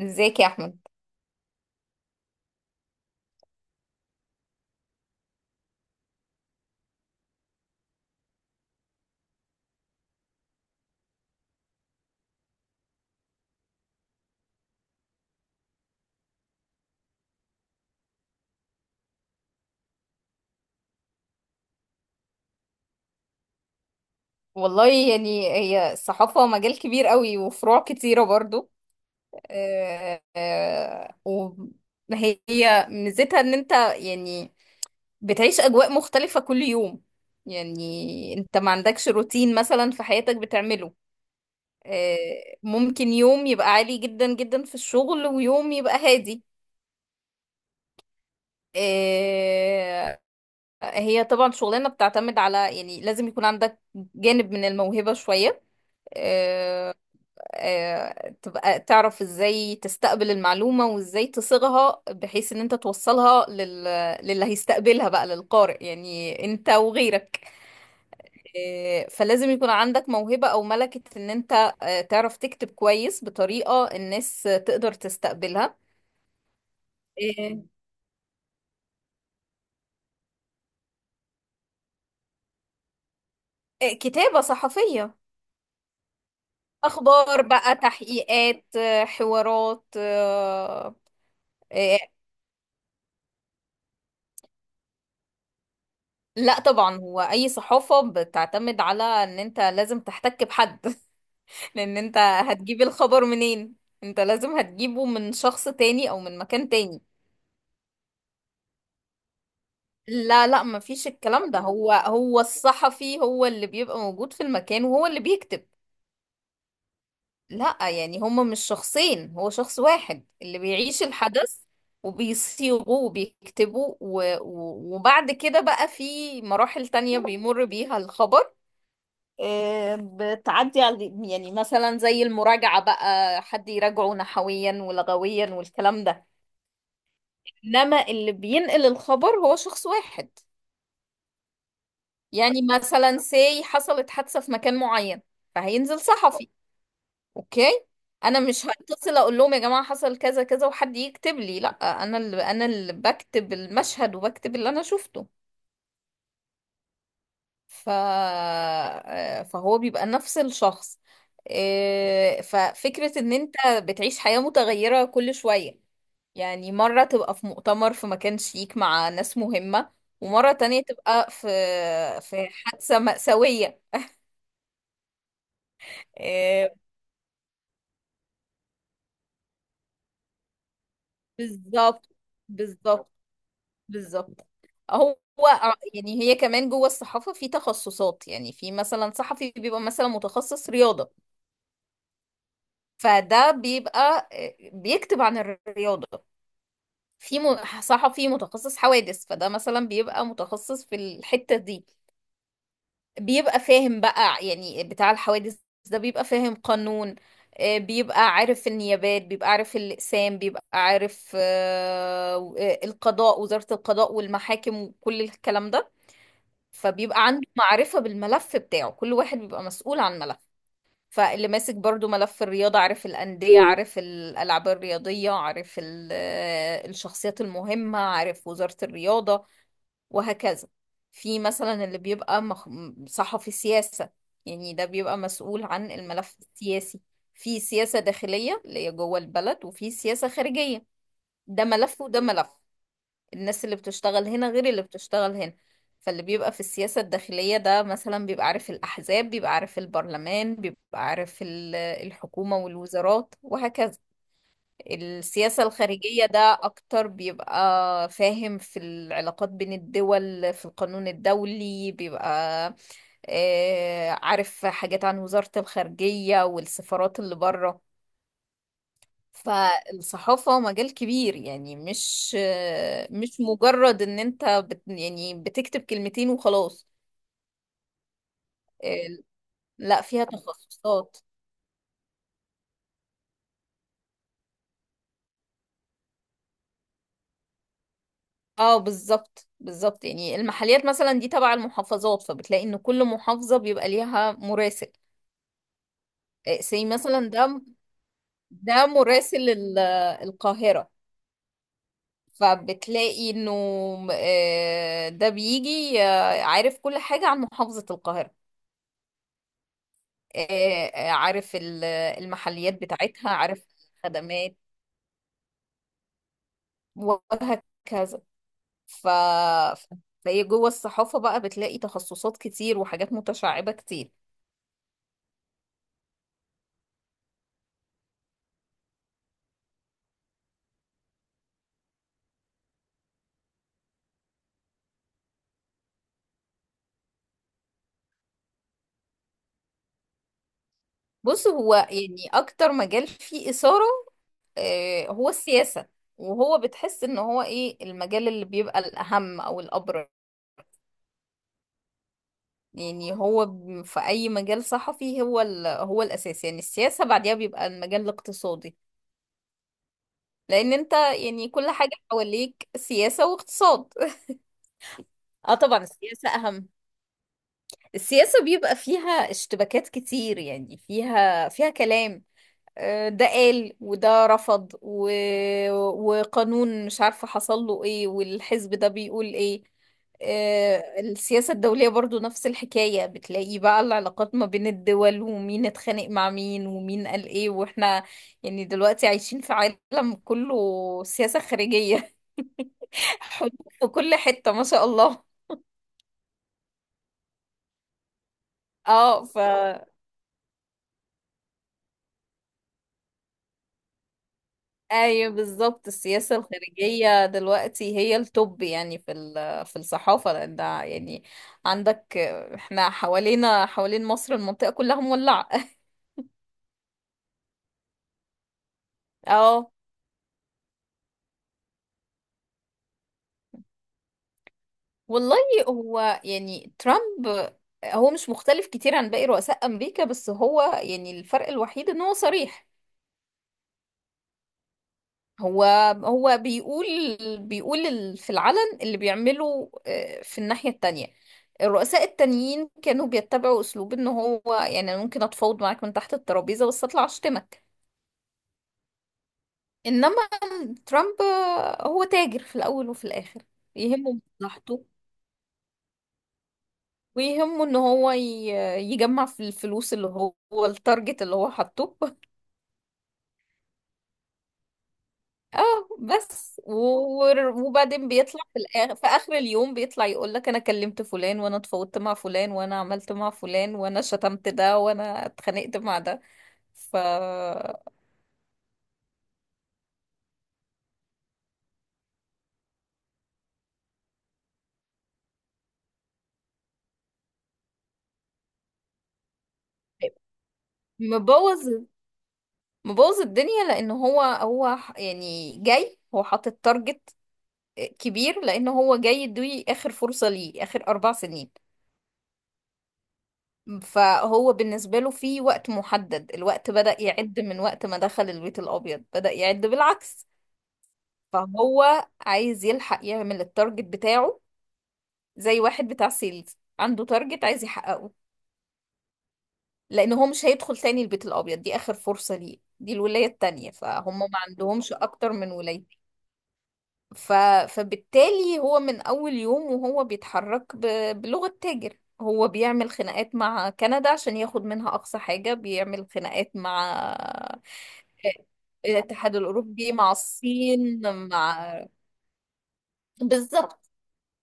ازيك يا احمد. والله يعني هي الصحافة مجال كبير قوي وفروع كتيرة برضو. وهي ميزتها ان انت يعني بتعيش اجواء مختلفة كل يوم، يعني انت ما عندكش روتين مثلا في حياتك بتعمله. ممكن يوم يبقى عالي جدا جدا في الشغل ويوم يبقى هادي. آه، هي طبعا شغلانة بتعتمد على، يعني لازم يكون عندك جانب من الموهبة شوية، آه، تبقى تعرف ازاي تستقبل المعلومة وازاي تصيغها بحيث ان انت توصلها للي هيستقبلها بقى، للقارئ يعني انت وغيرك. فلازم يكون عندك موهبة او ملكة ان انت تعرف تكتب كويس بطريقة الناس تقدر تستقبلها. آه، كتابة صحفية، اخبار بقى، تحقيقات، حوارات. آه، لا طبعا، هو اي صحافة بتعتمد على ان انت لازم تحتك بحد لان انت هتجيب الخبر منين؟ انت لازم هتجيبه من شخص تاني او من مكان تاني. لا لا، مفيش الكلام ده، هو الصحفي هو اللي بيبقى موجود في المكان وهو اللي بيكتب. لا، يعني هما مش شخصين، هو شخص واحد اللي بيعيش الحدث وبيصيغه وبيكتبه، وبعد كده بقى في مراحل تانية بيمر بيها الخبر، بتعدي على، يعني مثلا زي المراجعة بقى، حد يراجعه نحويا ولغويا والكلام ده، انما اللي بينقل الخبر هو شخص واحد. يعني مثلا سي حصلت حادثة في مكان معين، فهينزل صحفي. اوكي، انا مش هتصل اقول لهم يا جماعة حصل كذا كذا وحد يكتب لي، لا، انا اللي بكتب المشهد وبكتب اللي انا شفته. ف... آه، فهو بيبقى نفس الشخص. إيه، ففكرة ان انت بتعيش حياة متغيرة كل شوية، يعني مرة تبقى في مؤتمر في مكان شيك مع ناس مهمة، ومرة تانية تبقى في حادثة مأساوية. إيه، بالظبط، بالظبط، بالظبط. هو يعني هي كمان جوه الصحافة في تخصصات، يعني في مثلا صحفي بيبقى مثلا متخصص رياضة، فده بيبقى إيه، بيكتب عن الرياضة. في صحفي متخصص حوادث، فده مثلا بيبقى متخصص في الحتة دي، بيبقى فاهم بقى يعني بتاع الحوادث. ده بيبقى فاهم قانون، بيبقى عارف النيابات، بيبقى عارف الأقسام، بيبقى عارف القضاء، وزارة القضاء والمحاكم وكل الكلام ده. فبيبقى عنده معرفة بالملف بتاعه، كل واحد بيبقى مسؤول عن ملف. فاللي ماسك برضو ملف الرياضة عارف الأندية، عارف الألعاب الرياضية، عارف الشخصيات المهمة، عارف وزارة الرياضة وهكذا. في مثلا اللي بيبقى صحفي سياسة، يعني ده بيبقى مسؤول عن الملف السياسي. في سياسة داخلية اللي هي جوه البلد، وفي سياسة خارجية. ده ملف وده ملف، الناس اللي بتشتغل هنا غير اللي بتشتغل هنا. فاللي بيبقى في السياسة الداخلية ده مثلا بيبقى عارف الأحزاب، بيبقى عارف البرلمان، بيبقى عارف الحكومة والوزارات وهكذا. السياسة الخارجية ده أكتر، بيبقى فاهم في العلاقات بين الدول، في القانون الدولي، بيبقى عارف حاجات عن وزارة الخارجية والسفارات اللي بره. فالصحافة مجال كبير، يعني مش مجرد ان انت يعني بتكتب كلمتين وخلاص. ال- لا، فيها تخصصات. اه بالظبط، بالظبط، يعني المحليات مثلا دي تبع المحافظات، فبتلاقي ان كل محافظة بيبقى ليها مراسل. زي مثلا ده مراسل القاهرة. فبتلاقي انه ده بيجي عارف كل حاجة عن محافظة القاهرة، عارف المحليات بتاعتها، عارف الخدمات وهكذا. ف فهي جوه الصحافة بقى بتلاقي تخصصات كتير وحاجات متشعبة كتير. بص، هو يعني أكتر مجال فيه إثارة هو السياسة، وهو بتحس إن هو إيه المجال اللي بيبقى الأهم أو الأبرز. يعني هو في أي مجال صحفي هو الأساس، يعني السياسة، بعديها بيبقى المجال الاقتصادي، لأن أنت يعني كل حاجة حواليك سياسة واقتصاد. اه طبعا السياسة أهم. السياسة بيبقى فيها اشتباكات كتير، يعني فيها كلام، ده قال وده رفض وقانون مش عارفة حصل له ايه، والحزب ده بيقول ايه. السياسة الدولية برضو نفس الحكاية، بتلاقي بقى العلاقات ما بين الدول، ومين اتخانق مع مين، ومين قال ايه، واحنا يعني دلوقتي عايشين في عالم كله سياسة خارجية. حروب في كل حتة ما شاء الله. اه. ايوه بالظبط، السياسة الخارجية دلوقتي هي التوب يعني في في الصحافة، لان ده يعني عندك، احنا حوالينا، حوالين مصر المنطقة كلها مولعة. اه والله، هو يعني ترامب هو مش مختلف كتير عن باقي رؤساء امريكا، بس هو يعني الفرق الوحيد ان هو صريح. هو هو بيقول، في العلن اللي بيعمله، في الناحية التانية الرؤساء التانيين كانوا بيتبعوا أسلوب إن هو يعني أنا ممكن أتفاوض معاك من تحت الترابيزة بس أطلع أشتمك. إنما ترامب هو تاجر في الأول وفي الآخر. يهمه مصلحته، ويهمه إن هو يجمع في الفلوس، اللي هو التارجت اللي هو حاطه. اه، بس وبعدين بيطلع في الآخر، في آخر اليوم بيطلع يقول لك انا كلمت فلان، وانا اتفاوضت مع فلان، وانا عملت مع فلان، وانا شتمت ده، وانا اتخانقت مع ده. ف مبوظ مبوظ الدنيا، لان هو يعني جاي، هو حاطط تارجت كبير، لان هو جاي يدوي اخر فرصة ليه، اخر اربع سنين. فهو بالنسبة له في وقت محدد، الوقت بدأ يعد من وقت ما دخل البيت الابيض، بدأ يعد بالعكس. فهو عايز يلحق يعمل التارجت بتاعه، زي واحد بتاع سيلز عنده تارجت عايز يحققه، لان هو مش هيدخل تاني البيت الابيض، دي اخر فرصة ليه، دي الولاية التانية، فهم ما عندهمش اكتر من ولاية. ف... فبالتالي هو من اول يوم وهو بيتحرك بلغة تاجر. هو بيعمل خناقات مع كندا عشان ياخد منها اقصى حاجة، بيعمل خناقات مع آه، الاتحاد الاوروبي، مع الصين، مع، بالظبط.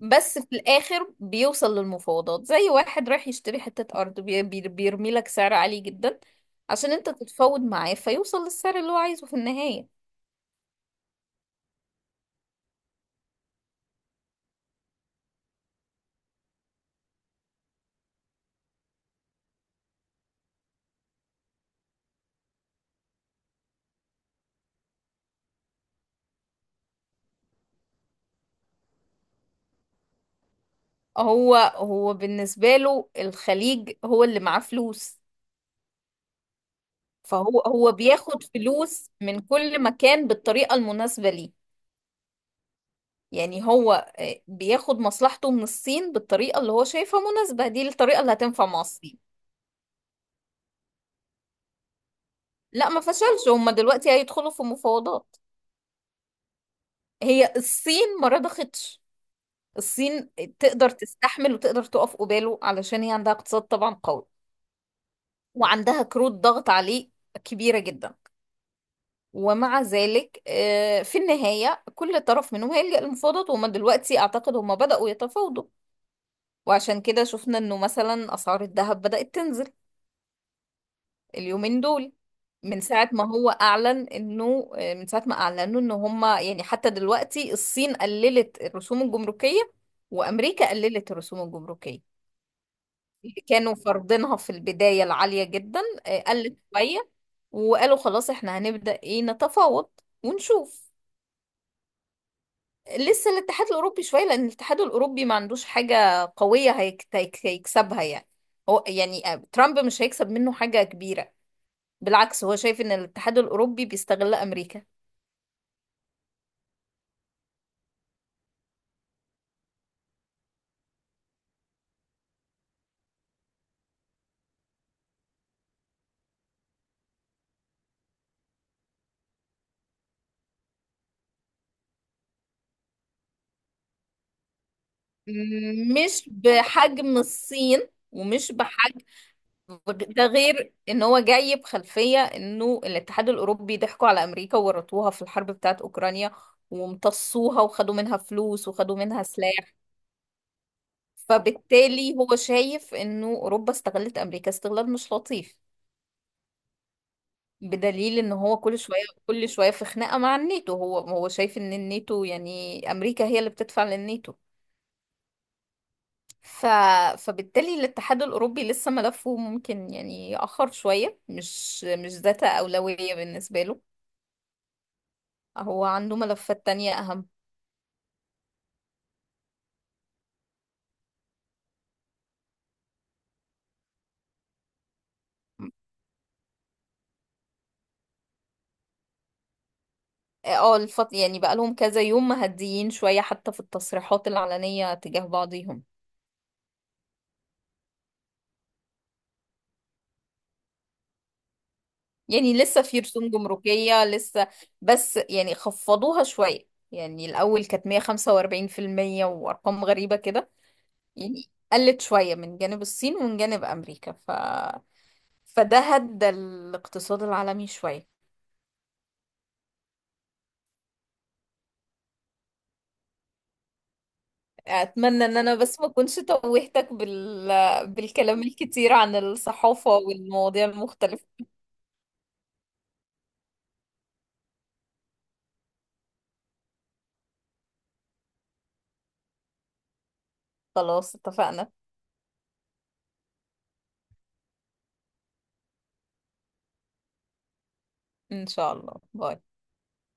بس في الاخر بيوصل للمفاوضات، زي واحد رايح يشتري حتة ارض بيرمي لك سعر عالي جدا عشان انت تتفاوض معاه، فيوصل للسعر اللي هو عايزه في النهاية. هو بالنسبة له الخليج هو اللي معاه فلوس، فهو بياخد فلوس من كل مكان بالطريقة المناسبة ليه. يعني هو بياخد مصلحته من الصين بالطريقة اللي هو شايفها مناسبة، دي الطريقة اللي هتنفع مع الصين. لا، ما فشلش، هما دلوقتي هيدخلوا في مفاوضات، هي الصين ما رضختش. الصين تقدر تستحمل وتقدر تقف قباله، علشان هي عندها اقتصاد طبعا قوي، وعندها كروت ضغط عليه كبيرة جدا. ومع ذلك في النهاية كل طرف منهم هيلجأ للمفاوضات، وهم دلوقتي أعتقد هم بدأوا يتفاوضوا. وعشان كده شفنا إنه مثلا أسعار الذهب بدأت تنزل اليومين دول، من ساعة ما هو أعلن إنه من ساعة ما أعلنوا إن هم يعني، حتى دلوقتي الصين قللت الرسوم الجمركية وأمريكا قللت الرسوم الجمركية. كانوا فرضينها في البداية العالية جدا، قلت شوية، وقالوا خلاص احنا هنبدأ ايه نتفاوض ونشوف. لسه الاتحاد الأوروبي شوية، لأن الاتحاد الأوروبي ما عندوش حاجة قوية هيكسبها يعني. هو يعني ترامب مش هيكسب منه حاجة كبيرة، بالعكس هو شايف ان الاتحاد الأوروبي بيستغل أمريكا. مش بحجم الصين، ومش بحجم، ده غير ان هو جاي بخلفية انه الاتحاد الاوروبي ضحكوا على امريكا وورطوها في الحرب بتاعت اوكرانيا، وامتصوها وخدوا منها فلوس وخدوا منها سلاح. فبالتالي هو شايف انه اوروبا استغلت امريكا استغلال مش لطيف، بدليل ان هو كل شوية كل شوية في خناقة مع الناتو. هو شايف ان الناتو يعني امريكا هي اللي بتدفع للناتو. ف... فبالتالي الاتحاد الأوروبي لسه ملفه ممكن يعني يأخر شوية، مش ذات أولوية بالنسبة له، هو عنده ملفات تانية أهم. اه يعني بقالهم كذا يوم مهديين شوية حتى في التصريحات العلنية تجاه بعضهم. يعني لسه في رسوم جمركية لسه، بس يعني خفضوها شوية، يعني الأول كانت 145% وأرقام غريبة كده، يعني قلت شوية من جانب الصين ومن جانب أمريكا. فده هدى الاقتصاد العالمي شوية. أتمنى إن أنا بس ما أكونش توهتك بالكلام الكتير عن الصحافة والمواضيع المختلفة. خلاص اتفقنا. ان شاء الله، باي.